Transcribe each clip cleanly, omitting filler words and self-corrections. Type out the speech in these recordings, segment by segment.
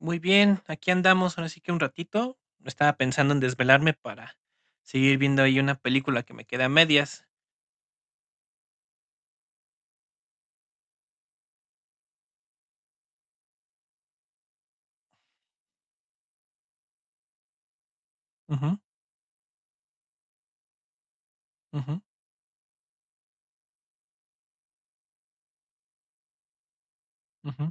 Muy bien, aquí andamos, ahora sí que un ratito. Estaba pensando en desvelarme para seguir viendo ahí una película que me queda a medias. Ujú, ujú, ujú.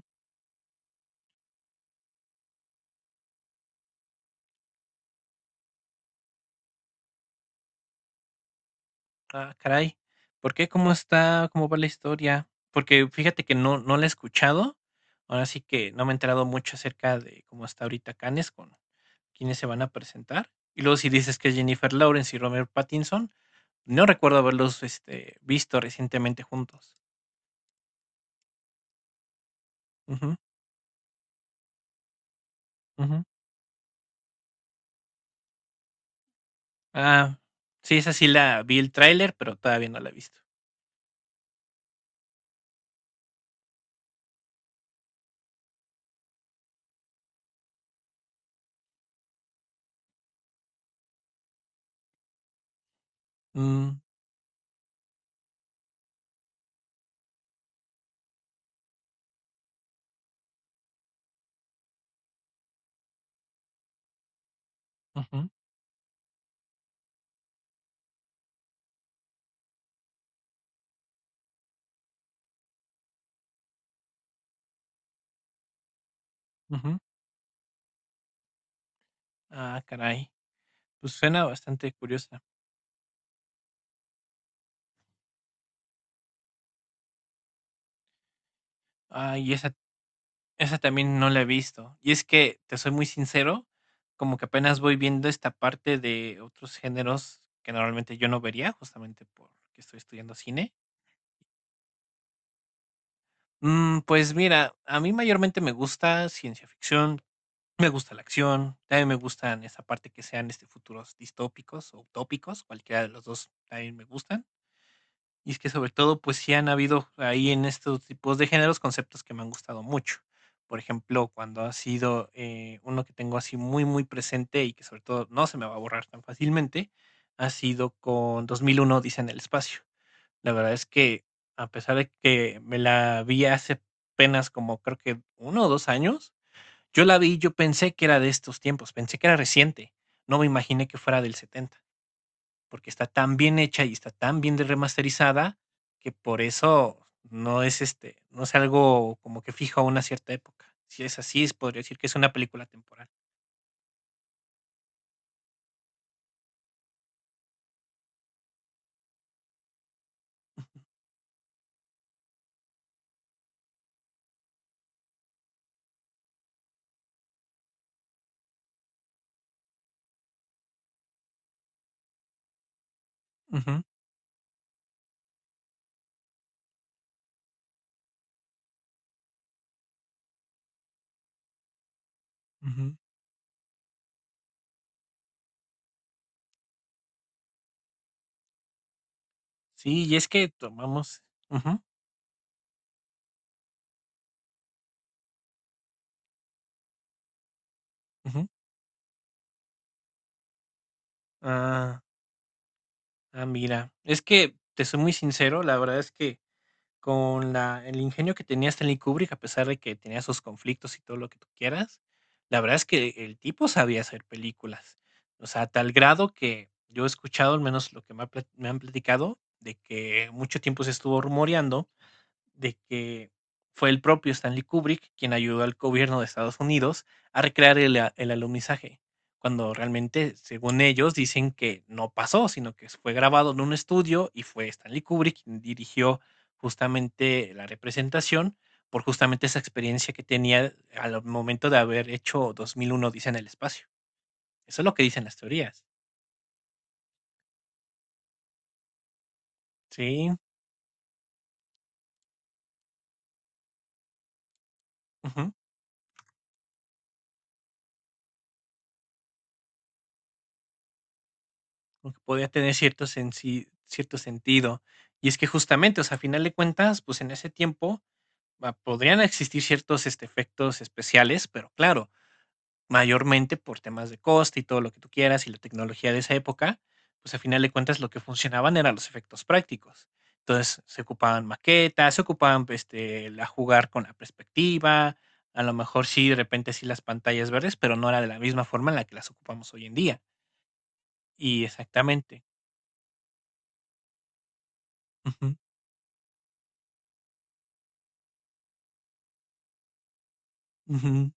Ah, caray. ¿Por qué? ¿Cómo está? ¿Cómo va la historia? Porque fíjate que no la he escuchado. Ahora sí que no me he enterado mucho acerca de cómo está ahorita Cannes, con quiénes se van a presentar. Y luego si dices que es Jennifer Lawrence y Robert Pattinson, no recuerdo haberlos visto recientemente juntos. Ujú, ujú. Ah, sí, esa sí la vi el tráiler, pero todavía no la he visto. Mm, ujú, ujú. Ah, caray. Pues suena bastante curiosa. Ah, y esa también no la he visto. Y es que, te soy muy sincero, como que apenas voy viendo esta parte de otros géneros que normalmente yo no vería, justamente porque estoy estudiando cine. Pues mira, a mí mayormente me gusta ciencia ficción. Me gusta la acción, también me gustan esa parte que sean, futuros distópicos o utópicos, cualquiera de los 2 también me gustan. Y es que, sobre todo, pues, sí han habido ahí en estos tipos de géneros conceptos que me han gustado mucho. Por ejemplo, cuando ha sido, uno que tengo así muy presente y que, sobre todo, no se me va a borrar tan fácilmente, ha sido con 2001: dice en el espacio. La verdad es que, a pesar de que me la vi hace apenas como creo que uno o 2 años, yo pensé que era de estos tiempos, pensé que era reciente. No me imaginé que fuera del 70, porque está tan bien hecha y está tan bien remasterizada que por eso no es algo como que fijo a una cierta época. Si es así, podría decir que es una película temporal. Ujú, ujú. Sí, y es que tomamos. Ujú, ujú. Ah, ah, mira, es que te soy muy sincero, la verdad es que con la el ingenio que tenía Stanley Kubrick, a pesar de que tenía sus conflictos y todo lo que tú quieras, la verdad es que el tipo sabía hacer películas. O sea, a tal grado que yo he escuchado, al menos lo que me han platicado, de que mucho tiempo se estuvo rumoreando de que fue el propio Stanley Kubrick quien ayudó al gobierno de Estados Unidos a recrear el alunizaje, cuando realmente, según ellos, dicen que no pasó, sino que fue grabado en un estudio y fue Stanley Kubrick quien dirigió justamente la representación por justamente esa experiencia que tenía al momento de haber hecho 2001 Dice en el espacio. Eso es lo que dicen las teorías. Sí. Ujú. Como que podía tener cierto sentido. Y es que justamente, o sea, a final de cuentas, pues en ese tiempo podrían existir ciertos efectos especiales, pero claro, mayormente por temas de coste y todo lo que tú quieras y la tecnología de esa época, pues a final de cuentas lo que funcionaban eran los efectos prácticos. Entonces se ocupaban maquetas, se ocupaban la jugar con la perspectiva, a lo mejor sí, de repente sí las pantallas verdes, pero no era de la misma forma en la que las ocupamos hoy en día. Y exactamente. Ujú. Ujú.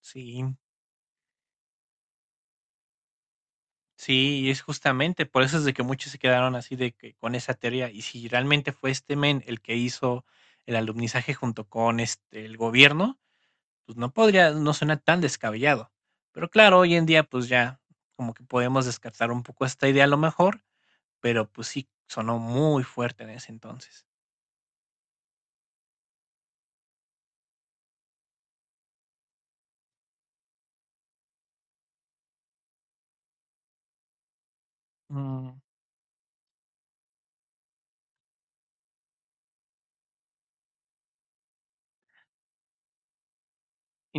Sí, sí, y es justamente por eso es de que muchos se quedaron así de que con esa teoría. Y si realmente fue este men el que hizo el alumnizaje junto con el gobierno, pues no suena tan descabellado. Pero claro, hoy en día, pues ya como que podemos descartar un poco esta idea a lo mejor, pero pues sí sonó muy fuerte en ese entonces. Mm,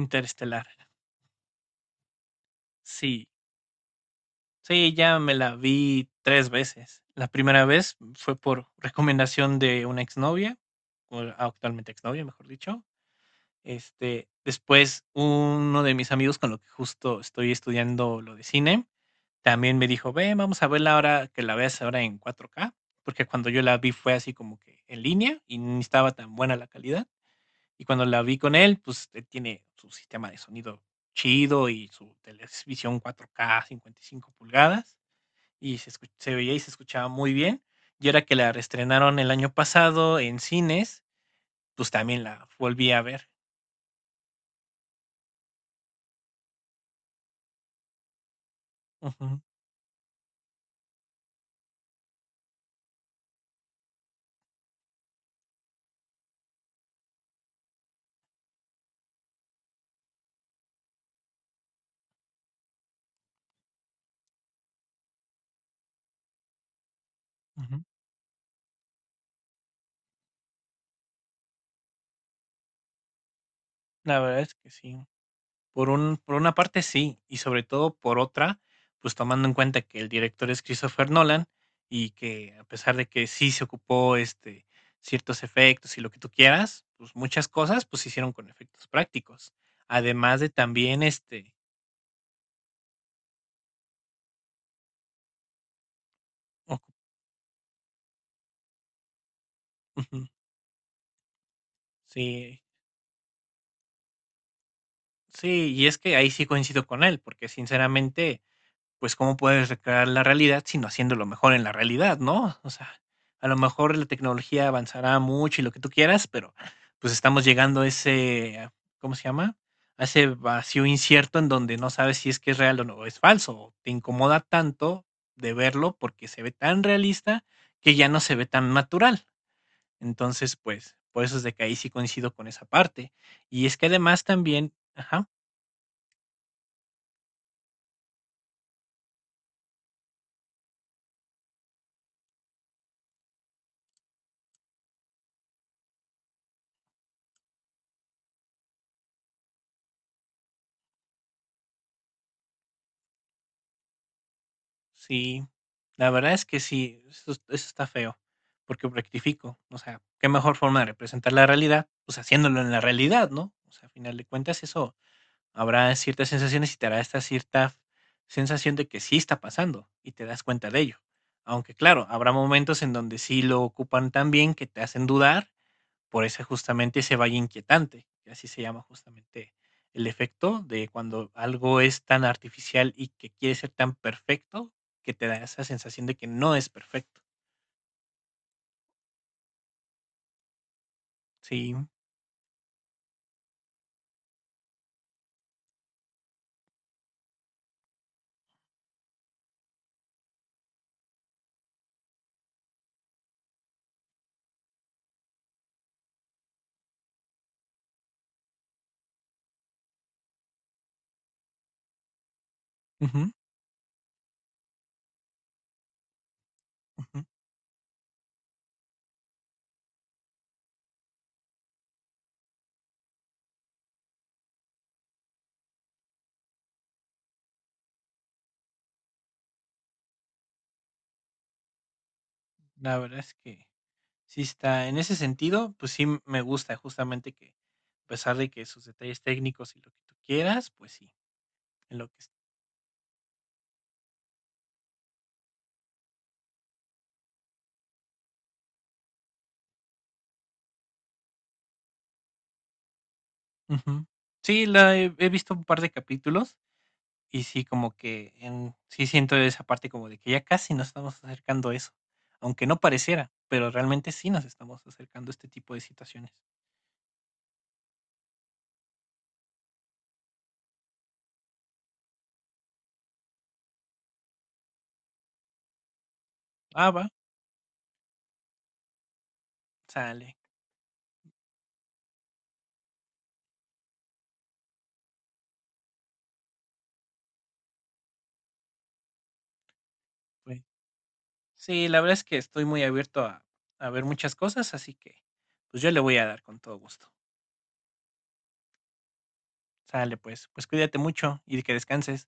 Interestelar. Sí, sí, ya me la vi tres veces. La primera vez fue por recomendación de una exnovia, con la actualmente exnovia, mejor dicho. Después uno de mis amigos con lo que justo estoy estudiando lo de cine, también me dijo, ve, vamos a verla ahora, que la veas ahora en cuatro k porque cuando yo la vi fue así como que en línea y ni estaba tan buena la calidad. Y cuando la vi con él, pues él tiene su sistema de sonido chido y su televisión cuatro k 55 pulgadas, y se veía y se escuchaba muy bien. Y ahora que la reestrenaron el año pasado en cines, pues también la volví a ver. Ujú, ujú. La verdad es que sí. Por un por una parte sí, y sobre todo por otra, pues tomando en cuenta que el director es Christopher Nolan, y que a pesar de que sí se ocupó, ciertos efectos y lo que tú quieras, pues muchas cosas, pues se hicieron con efectos prácticos. Además de también, este, ocu ujú, sí, sí, y es que ahí sí coincido con él, porque sinceramente pues, ¿cómo puedes recrear la realidad sino haciéndolo mejor en la realidad, no? O sea, a lo mejor la tecnología avanzará mucho y lo que tú quieras, pero pues estamos llegando a ¿cómo se llama? A ese vacío incierto en donde no sabes si es que es real o no es falso. Te incomoda tanto de verlo porque se ve tan realista que ya no se ve tan natural. Entonces, pues, por eso es de que ahí sí coincido con esa parte. Y es que además también, ajá. Sí, la verdad es que sí, eso está feo, porque rectifico, o sea, qué mejor forma de representar la realidad, pues haciéndolo en la realidad, ¿no? O sea, a final de cuentas eso habrá ciertas sensaciones y te hará esta cierta sensación de que sí está pasando y te das cuenta de ello. Aunque claro, habrá momentos en donde sí lo ocupan tan bien que te hacen dudar por eso justamente ese valle inquietante, que así se llama justamente el efecto de cuando algo es tan artificial y que quiere ser tan perfecto, que te da esa sensación de que no es perfecto. Sí. Ujú, ujú. La verdad es que sí está en ese sentido, pues sí me gusta justamente que, a pesar de que sus detalles técnicos y lo que tú quieras, pues sí, en lo que es. Ujú. Sí, la he visto un par de capítulos. Y sí, como que en sí siento esa parte como de que ya casi nos estamos acercando a eso, aunque no pareciera, pero realmente sí nos estamos acercando a este tipo de situaciones. Ah, va, sale. Pues, sí, la verdad es que estoy muy abierto a ver muchas cosas, así que pues yo le voy a dar con todo gusto. Sale, pues, pues cuídate mucho y que descanses.